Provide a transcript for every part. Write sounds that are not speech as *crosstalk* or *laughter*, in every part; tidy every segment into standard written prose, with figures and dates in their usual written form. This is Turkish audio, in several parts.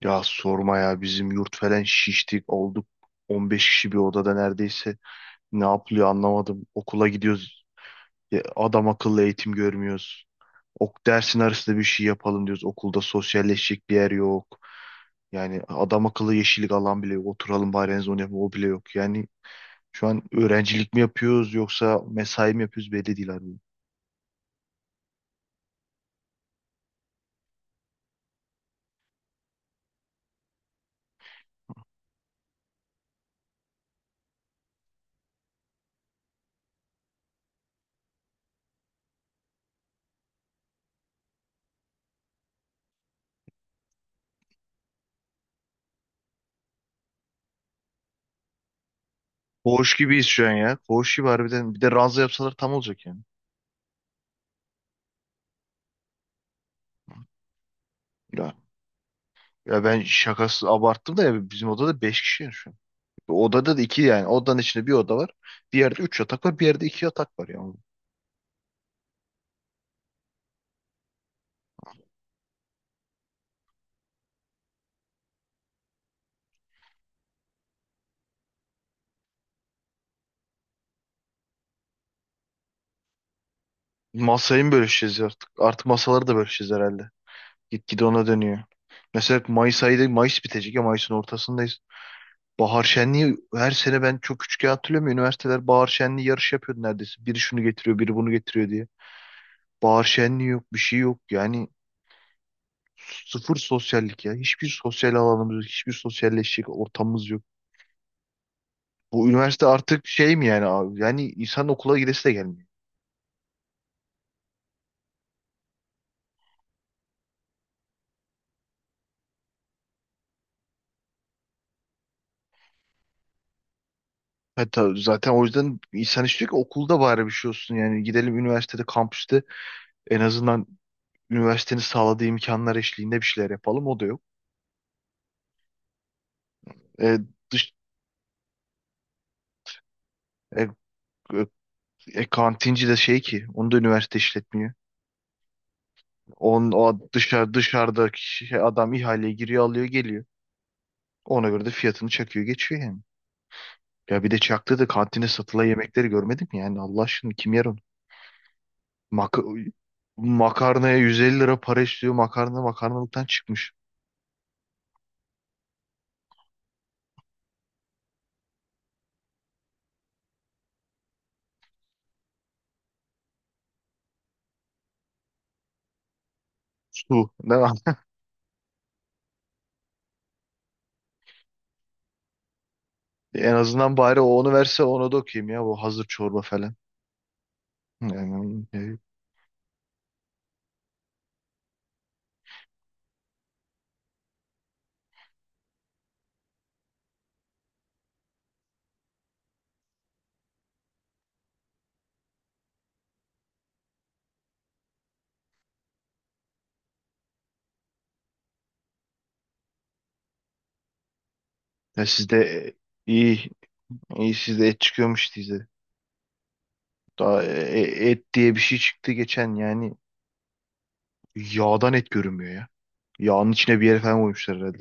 Ya sorma ya bizim yurt falan şiştik olduk. 15 kişi bir odada neredeyse. Ne yapılıyor anlamadım. Okula gidiyoruz. Ya adam akıllı eğitim görmüyoruz. Ok dersin arasında bir şey yapalım diyoruz. Okulda sosyalleşecek bir yer yok. Yani adam akıllı yeşillik alan bile yok. Oturalım bari en onu yapalım. O bile yok. Yani şu an öğrencilik mi yapıyoruz yoksa mesai mi yapıyoruz belli değil abi. Koğuş gibiyiz şu an ya. Koğuş gibi harbiden. Bir de ranza yapsalar tam olacak yani. Ya, ya, ben şakası abarttım da ya bizim odada 5 kişi ya şu an. Odada da iki, yani odanın içinde bir oda var. Bir yerde üç yatak var, bir yerde iki yatak var yani. Masayı mı bölüşeceğiz artık? Artık masaları da bölüşeceğiz herhalde. Gitgide ona dönüyor. Mesela Mayıs ayı, Mayıs bitecek ya, Mayıs'ın ortasındayız. Bahar şenliği, her sene ben çok küçükken hatırlıyorum, ya, üniversiteler bahar şenliği yarışı yapıyordu neredeyse. Biri şunu getiriyor, biri bunu getiriyor diye. Bahar şenliği yok, bir şey yok. Yani sıfır sosyallik ya. Hiçbir sosyal alanımız yok, hiçbir sosyalleşecek ortamımız yok. Bu üniversite artık şey mi yani abi? Yani insan okula gidesi de gelmiyor. Hatta zaten o yüzden insan istiyor ki okulda bari bir şey olsun. Yani gidelim üniversitede, kampüste en azından üniversitenin sağladığı imkanlar eşliğinde bir şeyler yapalım. O da yok. E, dış, e, e, e, kantinci de şey ki, onu da üniversite işletmiyor. On o dışarı, dışarıdaki şey, adam ihaleye giriyor, alıyor, geliyor. Ona göre de fiyatını çakıyor, geçiyor yani. Ya bir de çaktı da kantine satılan yemekleri görmedim. Yani Allah aşkına kim yer onu? Mak makarnaya 150 lira para istiyor. Makarna makarnalıktan çıkmış. Su. Ne? *laughs* En azından bari o onu verse, onu da okuyayım, ya bu hazır çorba falan. Yani, e, ya sizde, e, iyi iyi sizde et çıkıyormuş size. Daha et diye bir şey çıktı geçen yani, yağdan et görünmüyor ya. Yağın içine bir yere falan koymuşlar herhalde.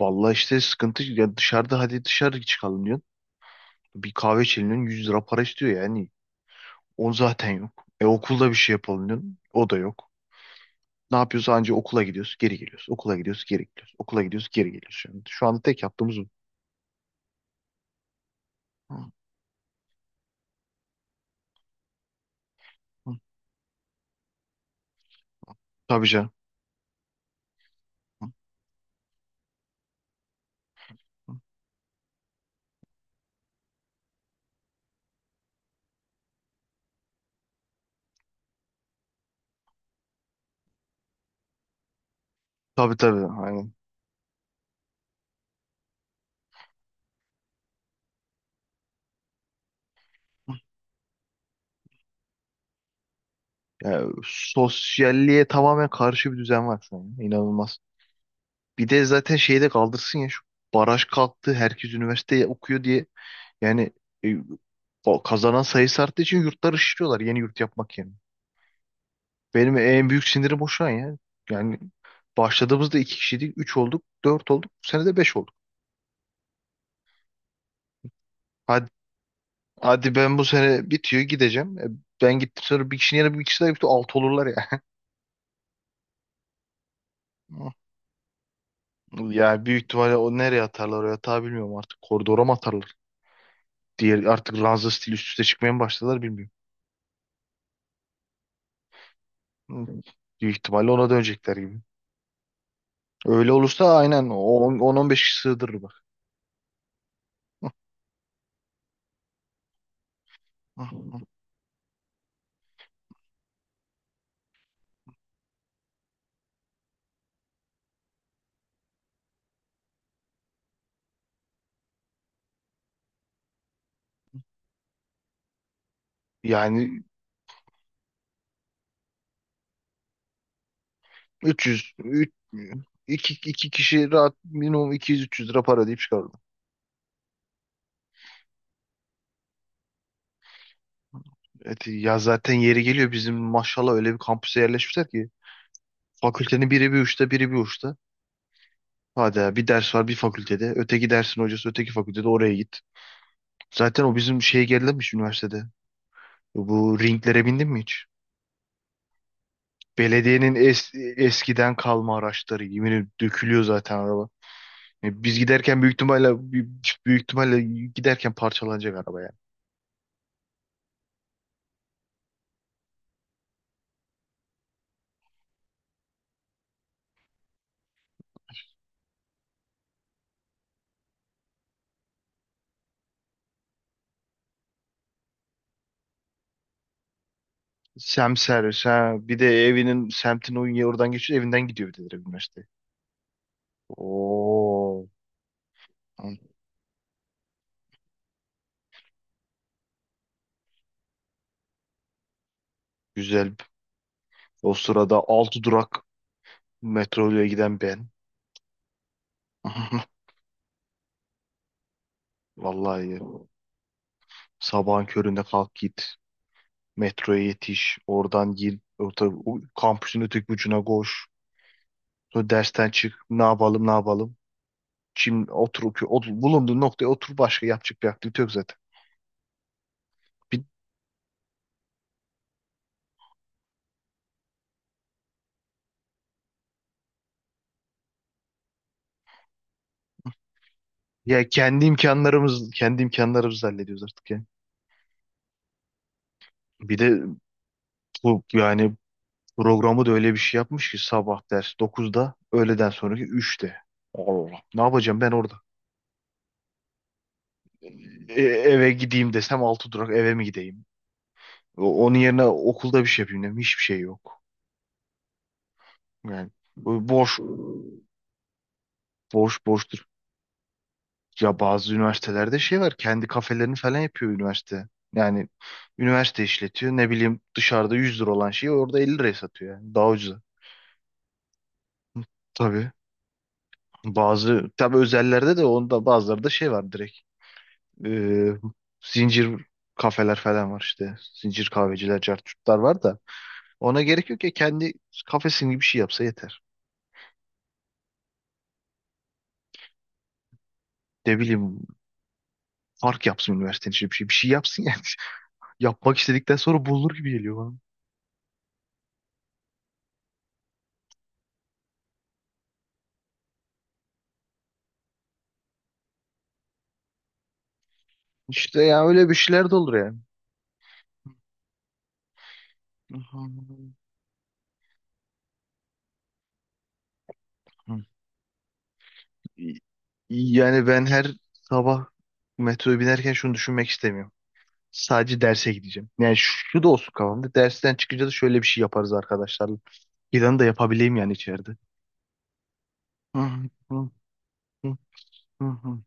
Vallahi işte sıkıntı ya, dışarıda hadi dışarı çıkalım diyorsun. Bir kahve içelim diyorsun, 100 lira para istiyor yani. On zaten yok. E okulda bir şey yapalım diyorsun. O da yok. Ne yapıyoruz? Anca okula gidiyoruz, geri geliyoruz. Okula gidiyoruz, geri geliyoruz. Okula gidiyoruz, geri geliyoruz. Yani şu anda tek yaptığımız bu. Tabii canım. Tabii, tabii. Aynen. Yani sosyalliğe tamamen karşı bir düzen var şu an. İnanılmaz. Bir de zaten şeyi de kaldırsın ya, şu baraj kalktı. Herkes üniversite okuyor diye. Yani e, o kazanan sayısı arttığı için yurtlar ışıtıyorlar yeni yurt yapmak yerine. Benim en büyük sinirim o şu an ya. Yani başladığımızda iki kişiydik. Üç olduk. Dört olduk. Bu sene de beş olduk. Hadi, hadi ben bu sene bitiyor, gideceğim. Ben gittim, sonra bir kişinin yerine bir kişi daha gitti. Altı olurlar ya. *laughs* Yani büyük ihtimalle, o nereye atarlar o yatağı bilmiyorum artık. Koridora mı atarlar? Diğer artık ranza stili üst üste çıkmaya mı başladılar, bilmiyorum. Hı. Büyük ihtimalle ona dönecekler gibi. Öyle olursa aynen o 10-15 kişi sığdırır bak. Hı, hı, hı. Yani 300, 3, 2 2 kişi rahat minimum 200-300 lira para deyip çıkarırım. Evet, ya zaten yeri geliyor, bizim maşallah öyle bir kampüse yerleşmişler ki fakültenin biri bir uçta, biri bir uçta. Hadi ya, bir ders var bir fakültede. Öteki dersin hocası öteki fakültede, oraya git. Zaten o bizim şeye gerilemiş üniversitede. Bu ringlere bindin mi hiç? Belediyenin eskiden kalma araçları. Yemin ederim dökülüyor zaten araba. Yani biz giderken büyük ihtimalle giderken parçalanacak araba yani. Sem servis ha. Bir de evinin semtin o oradan geçiyor. Evinden gidiyor bir de direkt üniversiteye. Oo. Güzel. O sırada 6 durak metroyla giden ben. *laughs* Vallahi ya. Sabahın köründe kalk git. Metroya yetiş. Oradan gir. Orta, o kampüsün öteki ucuna koş. Sonra dersten çık. Ne yapalım, ne yapalım. Şimdi oturup bulunduğun noktaya otur, başka yapacak bir aktivite yok zaten. Bir, ya kendi imkanlarımızı hallediyoruz artık ya. Bir de bu yani programı da öyle bir şey yapmış ki sabah ders 9'da, öğleden sonraki 3'te. Allah. Ne yapacağım ben orada? Eve gideyim desem, altı durak eve mi gideyim? Onun yerine okulda bir şey yapayım dedim. Hiçbir şey yok. Yani bu boş, boş boştur. Ya bazı üniversitelerde şey var. Kendi kafelerini falan yapıyor üniversite. Yani üniversite işletiyor. Ne bileyim, dışarıda 100 lira olan şeyi orada 50 liraya satıyor yani. Daha ucuza. Tabii. Bazı tabii özellerde de onda bazıları da şey var direkt. Ee, Zincir kafeler falan var işte. Zincir kahveciler, cartçutlar var da ona gerek yok ya, kendi kafesin gibi bir şey yapsa yeter. Ne bileyim, park yapsın üniversitenin içinde, bir şey yapsın yani. Yapmak istedikten sonra bulunur gibi geliyor bana. İşte ya öyle bir şeyler de olur yani. Hı. Yani ben her sabah metroya binerken şunu düşünmek istemiyorum. Sadece derse gideceğim. Yani şu da olsun kafamda: dersten çıkınca da şöyle bir şey yaparız arkadaşlarla. İran'ı da yapabileyim yani içeride. Hı, hı, hı, hı,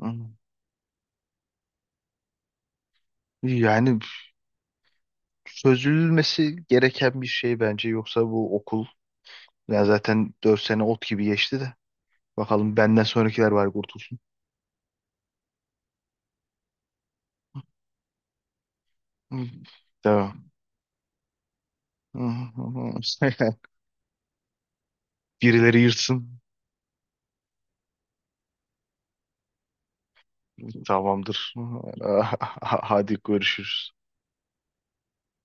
hı, hı. Yani çözülmesi gereken bir şey bence. Yoksa bu okul, ya zaten 4 sene ot gibi geçti de. Bakalım benden sonrakiler var, kurtul. Hı. Tamam. *laughs* Birileri yırtsın. Tamamdır. *laughs* Hadi görüşürüz.